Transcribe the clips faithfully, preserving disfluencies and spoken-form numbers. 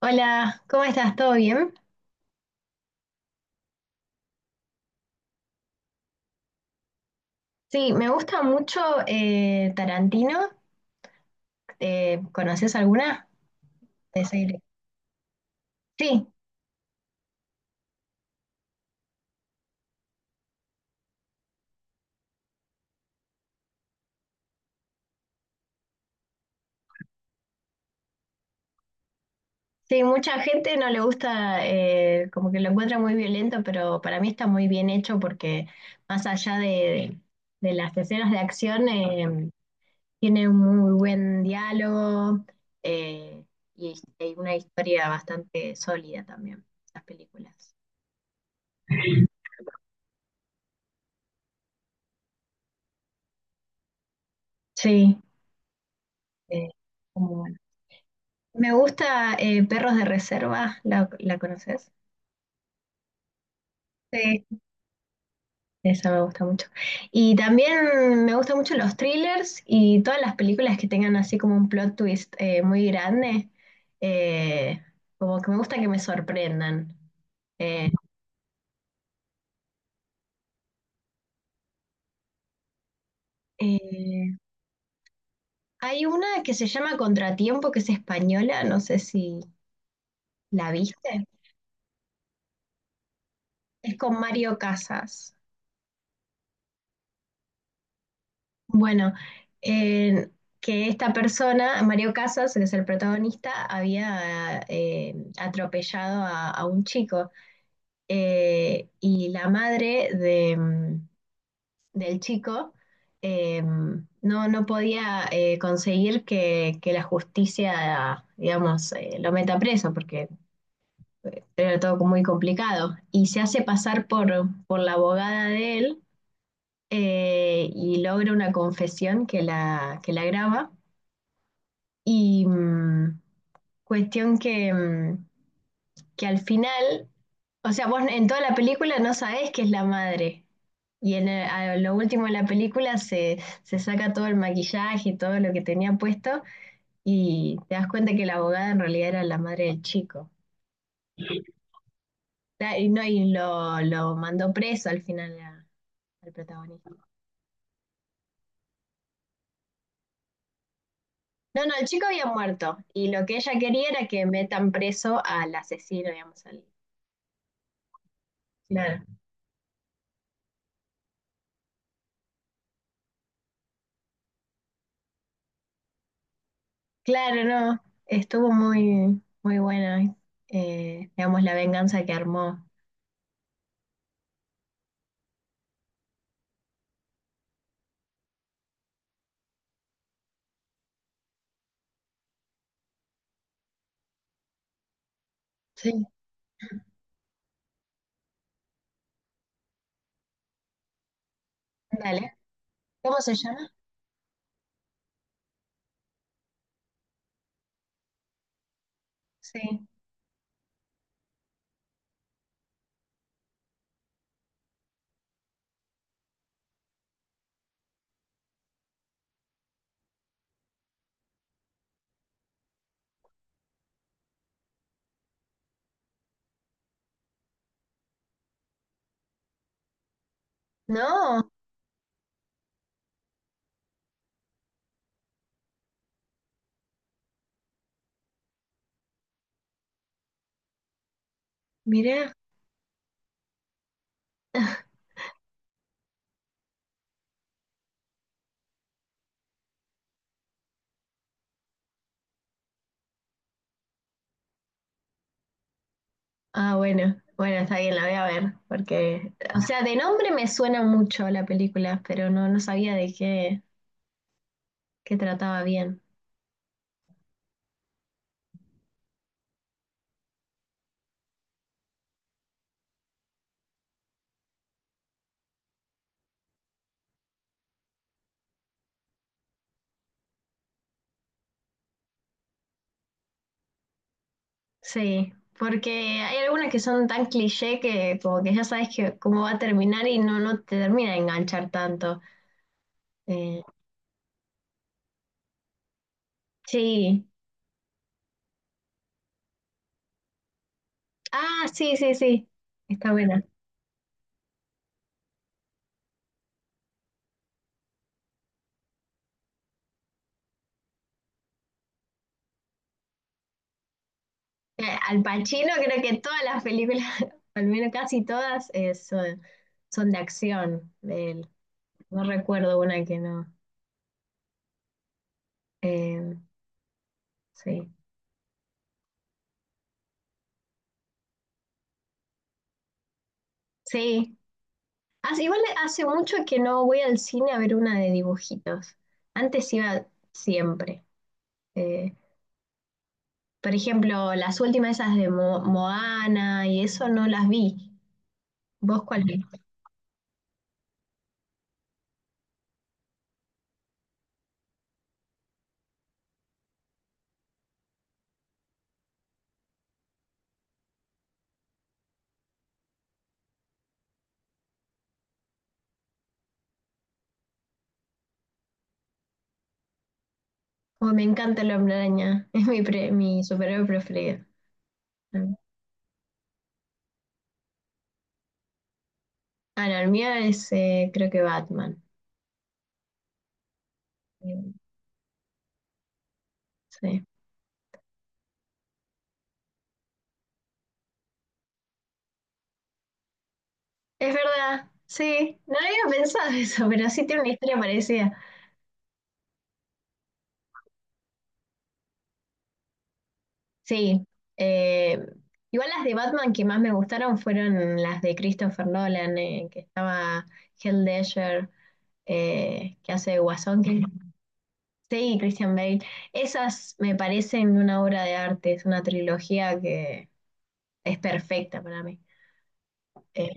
Hola, ¿cómo estás? ¿Todo bien? Sí, me gusta mucho eh, Tarantino. Eh, ¿conoces alguna de ese director? Sí, sí, mucha gente no le gusta, eh, como que lo encuentra muy violento, pero para mí está muy bien hecho porque más allá de, de las escenas de acción, eh, tiene un muy buen diálogo eh, y, y una historia bastante sólida también, las películas. Sí, eh, como- me gusta eh, Perros de Reserva, ¿la, la conoces? Sí. Esa me gusta mucho. Y también me gustan mucho los thrillers y todas las películas que tengan así como un plot twist eh, muy grande. eh, Como que me gusta que me sorprendan. Eh, eh, Hay una que se llama Contratiempo, que es española, no sé si la viste. Es con Mario Casas. Bueno, eh, que esta persona, Mario Casas, que es el protagonista, había eh, atropellado a, a un chico. Eh, y la madre de, mm, del chico eh, mm, no, no podía eh, conseguir que, que la justicia, digamos, eh, lo meta preso porque era todo muy complicado y se hace pasar por, por la abogada de él, eh, y logra una confesión que la, que la graba. Y mm, Cuestión que, mm, que al final, o sea, vos en toda la película no sabés que es la madre. Y en el- a lo último de la película se, se saca todo el maquillaje y todo lo que tenía puesto y te das cuenta que la abogada en realidad era la madre del chico. La- Y, no, y lo, lo mandó preso al final la- al protagonista. No, no, el chico había muerto y lo que ella quería era que metan preso al asesino, digamos, al... Claro. Claro, no, estuvo muy, muy buena, eh, digamos, la venganza que armó. Sí, dale. ¿Cómo se llama? Sí. No, mirá. Ah, bueno, bueno, está bien, la voy a ver, porque, o sea, de nombre me suena mucho la película, pero no, no sabía de qué, qué trataba bien. Sí, porque hay algunas que son tan cliché que como que ya sabes que cómo va a terminar y no, no te termina de enganchar tanto. Eh, sí. Ah, sí, sí, sí. Está buena. Eh, Al Pacino creo que todas las películas, al menos casi todas, eh, son, son de acción de él. No recuerdo una que no. Eh, sí. Sí. Hace- igual hace mucho que no voy al cine a ver una de dibujitos. Antes iba siempre. Eh, por ejemplo, las últimas esas de Mo- Moana y eso no las vi. ¿Vos cuál viste? Oh, me encanta el Hombre Araña. Es mi, pre- mi superhéroe preferido. Ah, no, el mío es eh, creo que Batman. Eh, Sí. Es verdad, sí. No había pensado eso, pero sí tiene una historia parecida. Sí. eh, Igual las de Batman que más me gustaron fueron las de Christopher Nolan, eh, que estaba Heath Ledger, eh, que hace de Guasón, que sí, Christian Bale. Esas me parecen una obra de arte, es una trilogía que es perfecta para mí. Eh,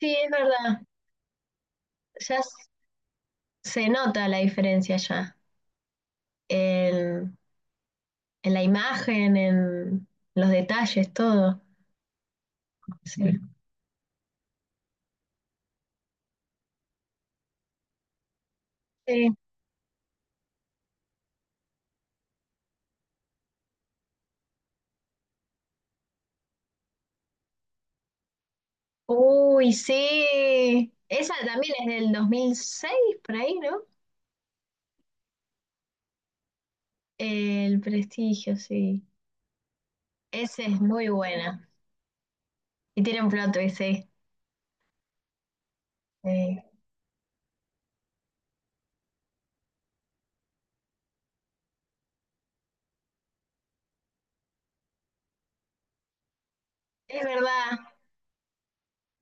sí, es verdad. Ya s- Se nota la diferencia ya. en, en la imagen, en los detalles, todo. Sí. Sí. Sí. Uy, sí. Esa también es del dos mil seis por ahí, ¿no? El Prestigio, sí. Esa es muy buena. Y tiene un plot twist, sí. Sí. Es verdad.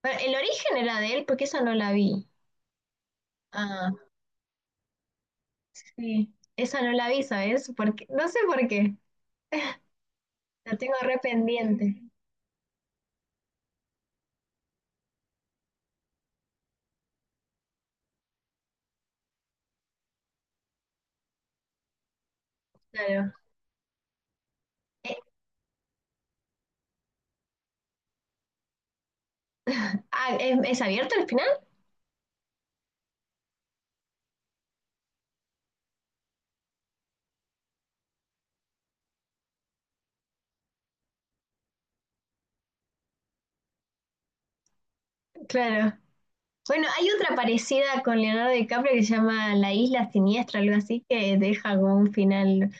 Pero el origen era de él porque esa no la vi. Ah, sí. Esa no la vi, ¿sabes? Porque no sé por qué. La tengo re pendiente. Claro. Eh, ah, ¿es, es abierto al final? Claro. Bueno, hay otra parecida con Leonardo DiCaprio que se llama La Isla Siniestra, algo así, que deja como un final,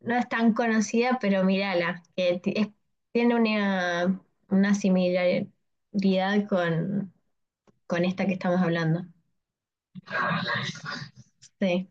no es tan conocida, pero mírala, que ti- es- tiene una, una similaridad con, con esta que estamos hablando. Sí.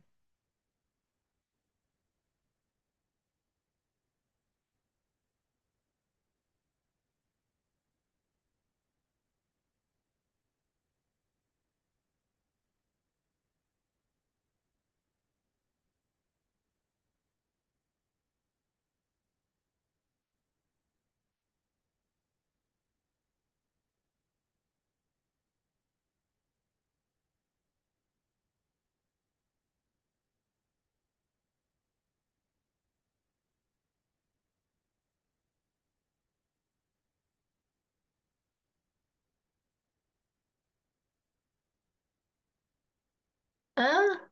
Ah,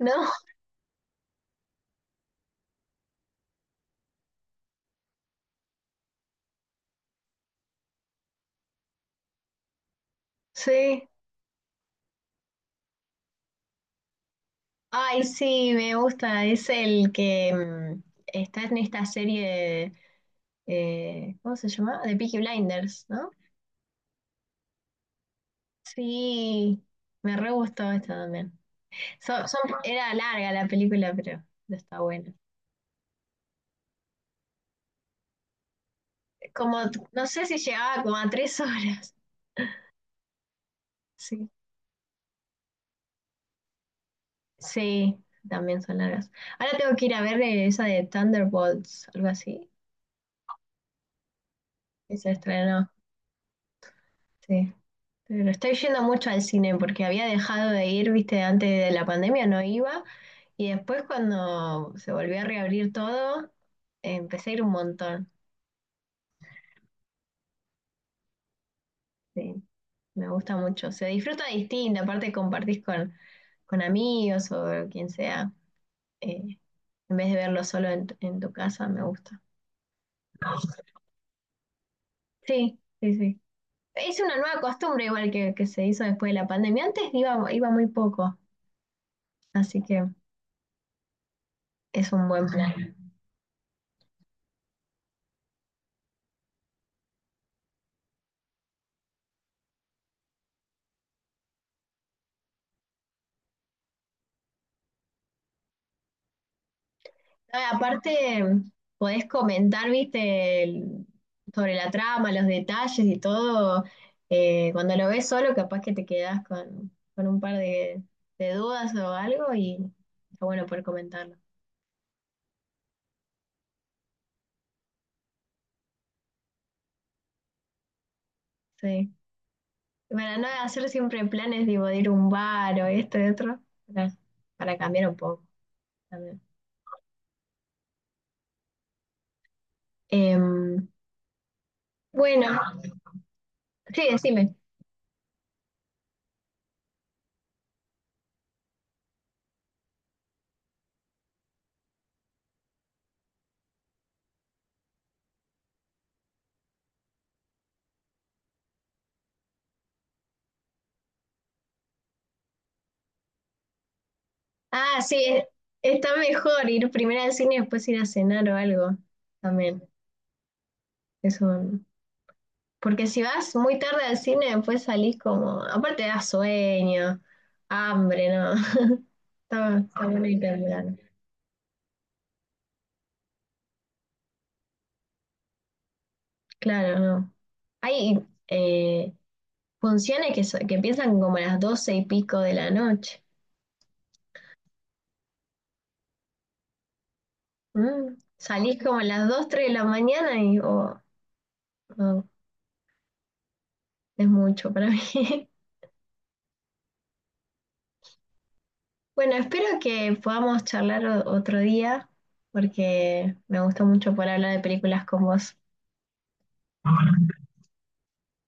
no, sí. Ay, sí, me gusta. Es el que mm, está en esta serie, eh, ¿cómo se llama? De Peaky Blinders, ¿no? Sí, me re gustó esta también. Son- son- era larga la película, pero no está buena. Como, no sé si llegaba como a tres horas. Sí, sí, también son largas. Ahora tengo que ir a ver esa de Thunderbolts, algo así, que se estrenó. Sí, pero estoy yendo mucho al cine porque había dejado de ir, viste, antes de la pandemia no iba. Y después cuando se volvió a reabrir todo, empecé a ir un montón. Sí, me gusta mucho. Se disfruta distinto, aparte compartís con, con amigos o quien sea, eh, en vez de verlo solo en, tu en tu casa, me gusta. Sí, sí, sí. Es una nueva costumbre igual que, que se hizo después de la pandemia. Antes iba, iba muy poco, así que es un buen plan. No, y aparte, podés comentar, viste, el- sobre la trama, los detalles y todo. Eh, cuando lo ves solo, capaz que te quedás con, con un par de, de dudas o algo y está bueno poder comentarlo. Sí. Para no hacer siempre planes tipo, de ir a un bar o esto y otro, para, para cambiar un poco también. Em, bueno, sí, decime. Ah, sí, es- está mejor ir primero al cine y después ir a cenar o algo también. Eso. Porque si vas muy tarde al cine, después salís como. Aparte da sueño, hambre, ¿no? Está, está bueno ir temprano. Claro, no. Hay eh, funciones que, so- que empiezan como a las doce y pico de la noche. Mm, salís como a las dos, tres de la mañana y oh, no, es mucho para mí. Bueno, espero que podamos charlar o- otro día, porque me gustó mucho poder hablar de películas con vos.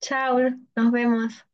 Chao, nos vemos.